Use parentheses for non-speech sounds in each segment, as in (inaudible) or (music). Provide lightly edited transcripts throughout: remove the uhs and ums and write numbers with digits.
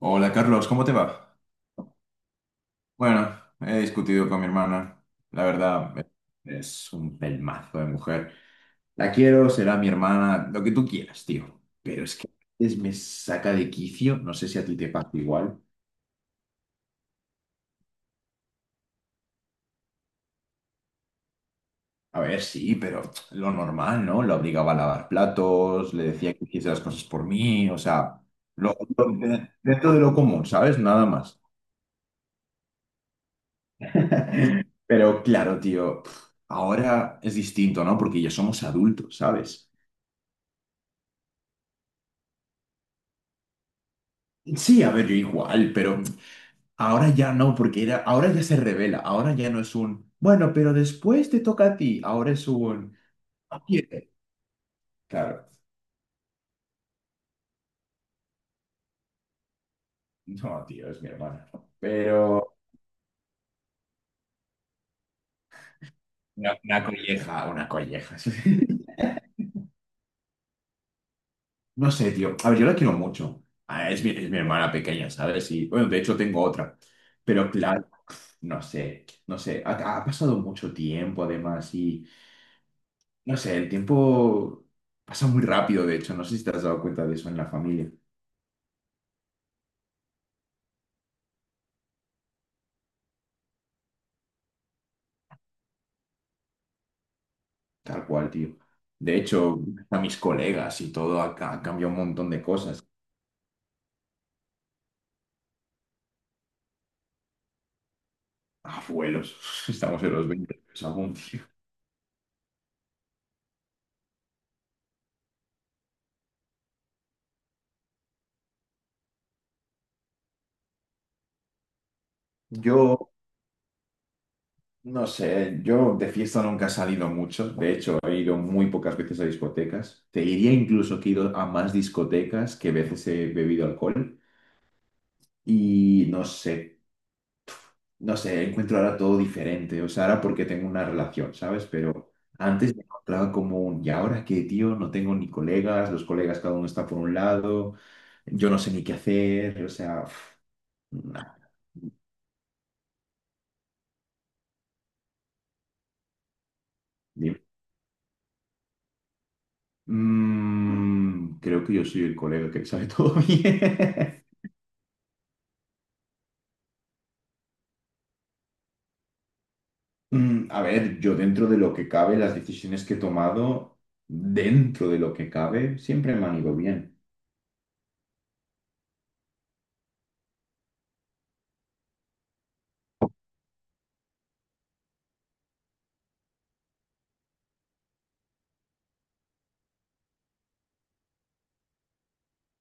Hola Carlos, ¿cómo te va? Bueno, he discutido con mi hermana. La verdad, es un pelmazo de mujer. La quiero, será mi hermana, lo que tú quieras, tío. Pero es que a veces me saca de quicio, no sé si a ti te pasa igual. A ver, sí, pero lo normal, ¿no? Lo obligaba a lavar platos, le decía que hiciese las cosas por mí, o sea, lo- lo- dentro de lo común, ¿sabes? Nada más. (laughs) Pero claro, tío, ahora es distinto, ¿no? Porque ya somos adultos, ¿sabes? Sí, a ver, yo igual, pero ahora ya no, porque era, ahora ya se revela, ahora ya no es un, bueno, pero después te toca a ti, ahora es un, "Ah, bien". Claro, no, tío, es mi hermana, pero una colleja, una colleja. (laughs) No sé, tío, a ver, yo la quiero mucho. Ah, es mi hermana pequeña, ¿sabes? Y, bueno, de hecho tengo otra, pero claro, no sé, no sé, ha pasado mucho tiempo además y... No sé, el tiempo pasa muy rápido, de hecho, no sé si te has dado cuenta de eso en la familia, tal cual, tío. De hecho, a mis colegas y todo ha cambiado un montón de cosas. Abuelos, (laughs) estamos en los 20 años aún, tío. Yo, no sé, yo de fiesta nunca he salido mucho, de hecho, he ido muy pocas veces a discotecas. Te diría incluso que he ido a más discotecas que veces he bebido alcohol y no sé. No sé, encuentro ahora todo diferente, o sea, ahora porque tengo una relación, ¿sabes? Pero antes me encontraba como un, ¿y ahora qué, tío? No tengo ni colegas, los colegas cada uno está por un lado, yo no sé ni qué hacer, o sea, uf, nah, dime. Mm, creo que yo soy el colega que sabe todo (laughs) bien. Mm, a ver, yo dentro de lo que cabe, las decisiones que he tomado, dentro de lo que cabe, siempre me han ido bien.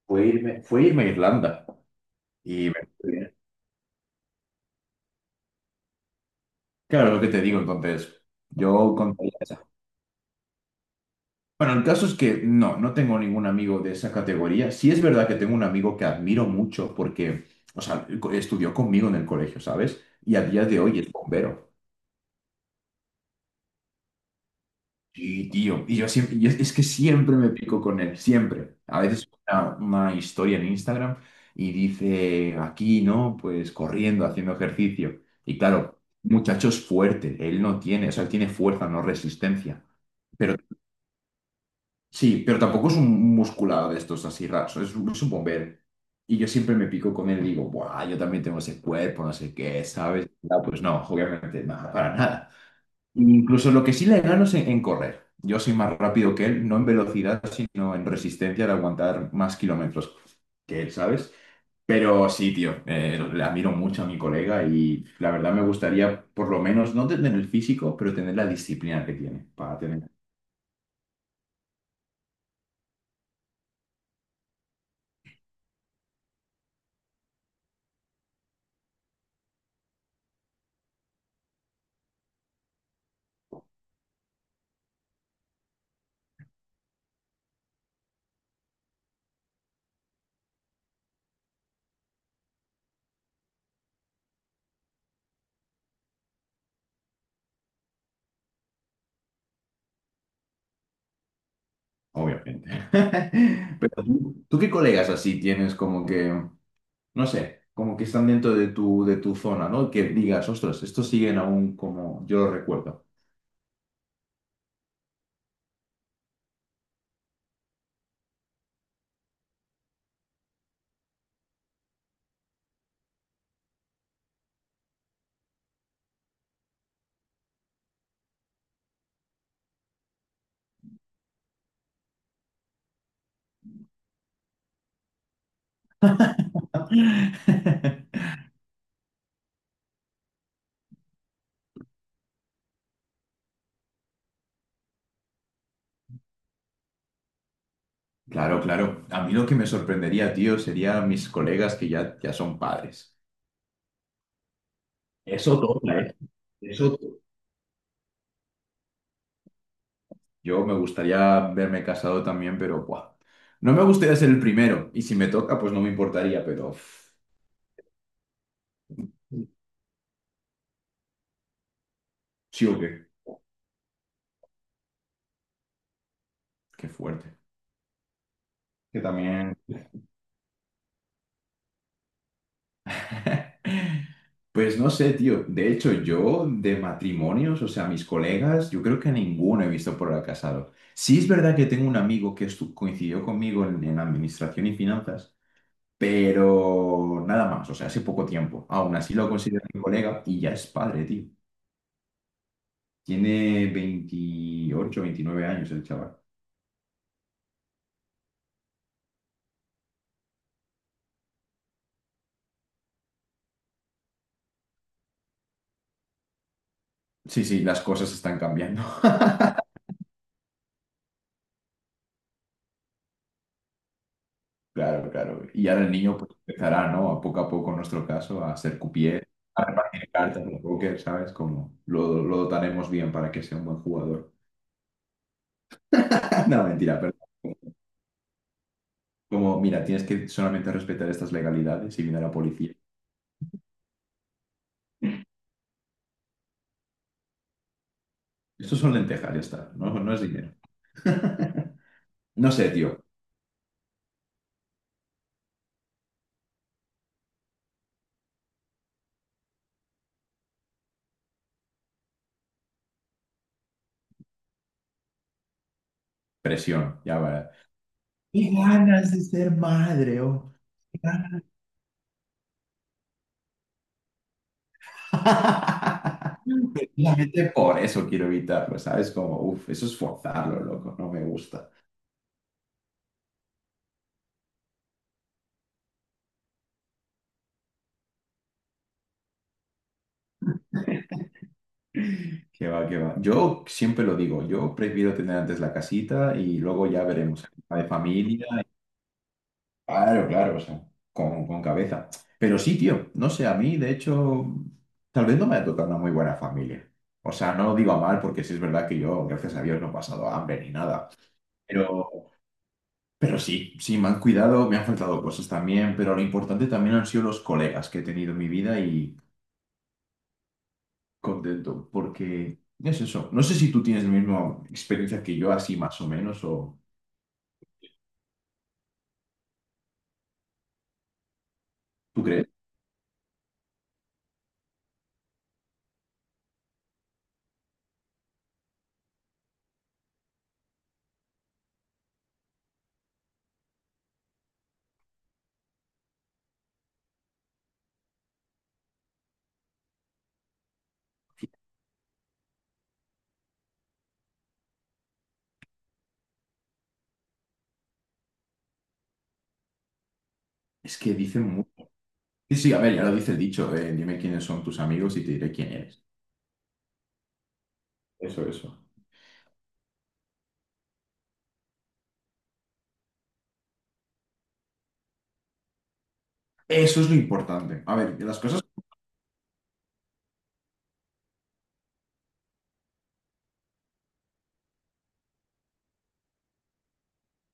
Fue irme a Irlanda y me fui. Claro, lo que te digo entonces, yo contaría esa. Bueno, el caso es que no, no tengo ningún amigo de esa categoría. Sí es verdad que tengo un amigo que admiro mucho porque, o sea, estudió conmigo en el colegio, ¿sabes? Y a día de hoy es bombero. Sí, tío. Y yo siempre, y es que siempre me pico con él, siempre. A veces una historia en Instagram y dice, aquí, ¿no? Pues corriendo, haciendo ejercicio. Y claro, muchacho es fuerte, él no tiene, o sea, él tiene fuerza, no resistencia, pero sí, pero tampoco es un musculado de estos así raros, es un bombero. Y yo siempre me pico con él y digo, ¡buah! Yo también tengo ese cuerpo, no sé qué, ¿sabes? No, pues no, obviamente, nada, (laughs) para nada. Incluso lo que sí le gano es en correr. Yo soy más rápido que él, no en velocidad, sino en resistencia de aguantar más kilómetros que él, ¿sabes? Pero sí, tío, le admiro mucho a mi colega y la verdad me gustaría, por lo menos, no tener el físico, pero tener la disciplina que tiene para tener. Obviamente. (laughs) Pero tú, ¿tú qué colegas así tienes como que, no sé, como que están dentro de tu zona, ¿no? Que digas, ostras, estos siguen aún como yo lo recuerdo. (laughs) Claro, claro. A mí lo que me sorprendería, tío, serían mis colegas que ya, ya son padres. Eso toca, ¿eh? Eso toca. Yo me gustaría verme casado también, pero buah. No me gustaría ser el primero. Y si me toca, pues no me importaría, pero... uf, sí o qué. Qué fuerte. Que también... (laughs) Pues no sé, tío. De hecho, yo de matrimonios, o sea, mis colegas, yo creo que a ninguno he visto por ahora casado. Sí es verdad que tengo un amigo que coincidió conmigo en administración y finanzas, pero nada más, o sea, hace poco tiempo. Aún así lo considero mi colega y ya es padre, tío. Tiene 28, 29 años el chaval. Sí, sí, las cosas están cambiando. Claro, claro. Y ahora el niño pues, empezará, ¿no? A poco, en nuestro caso, a hacer cupié, a repartir cartas de póker, ¿sabes? Como lo dotaremos bien para que sea un buen jugador. (laughs) No, mentira, pero como, mira, tienes que solamente respetar estas legalidades y viene la policía. Estos son lentejas, ya está. No, no es dinero. (laughs) No sé, tío. Presión, ya va. Qué ganas de ser madre, oh. (laughs) Precisamente por eso quiero evitarlo, ¿sabes? Como, uff, eso es forzarlo, loco, no me gusta. Qué va, qué va. Yo siempre lo digo, yo prefiero tener antes la casita y luego ya veremos. La de familia, claro, claro, o sea, con cabeza. Pero sí, tío, no sé, a mí, de hecho, tal vez no me ha tocado una muy buena familia. O sea, no lo digo a mal porque sí es verdad que yo, gracias a Dios, no he pasado hambre ni nada. Pero sí, sí, me han cuidado, me han faltado cosas también, pero lo importante también han sido los colegas que he tenido en mi vida y contento, porque es eso. No sé si tú tienes la misma experiencia que yo, así más o menos, o tú crees. Es que dicen mucho. Sí, sí, a ver, ya lo dice el dicho, dime quiénes son tus amigos y te diré quién eres. Eso, eso. Eso es lo importante. A ver, las cosas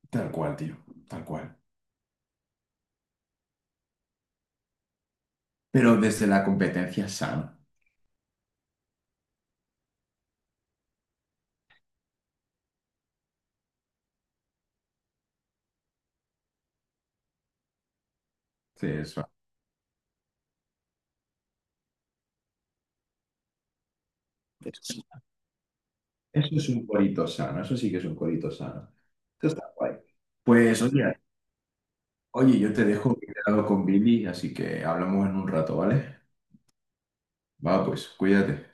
tal cual, tío, tal cual. Pero desde la competencia sana. Sí, eso. Eso es un corito sano, eso sí que es un corito sano. Esto está guay. Pues oye, oye, yo te dejo que he quedado con Billy, así que hablamos en un rato, ¿vale? Va, pues, cuídate.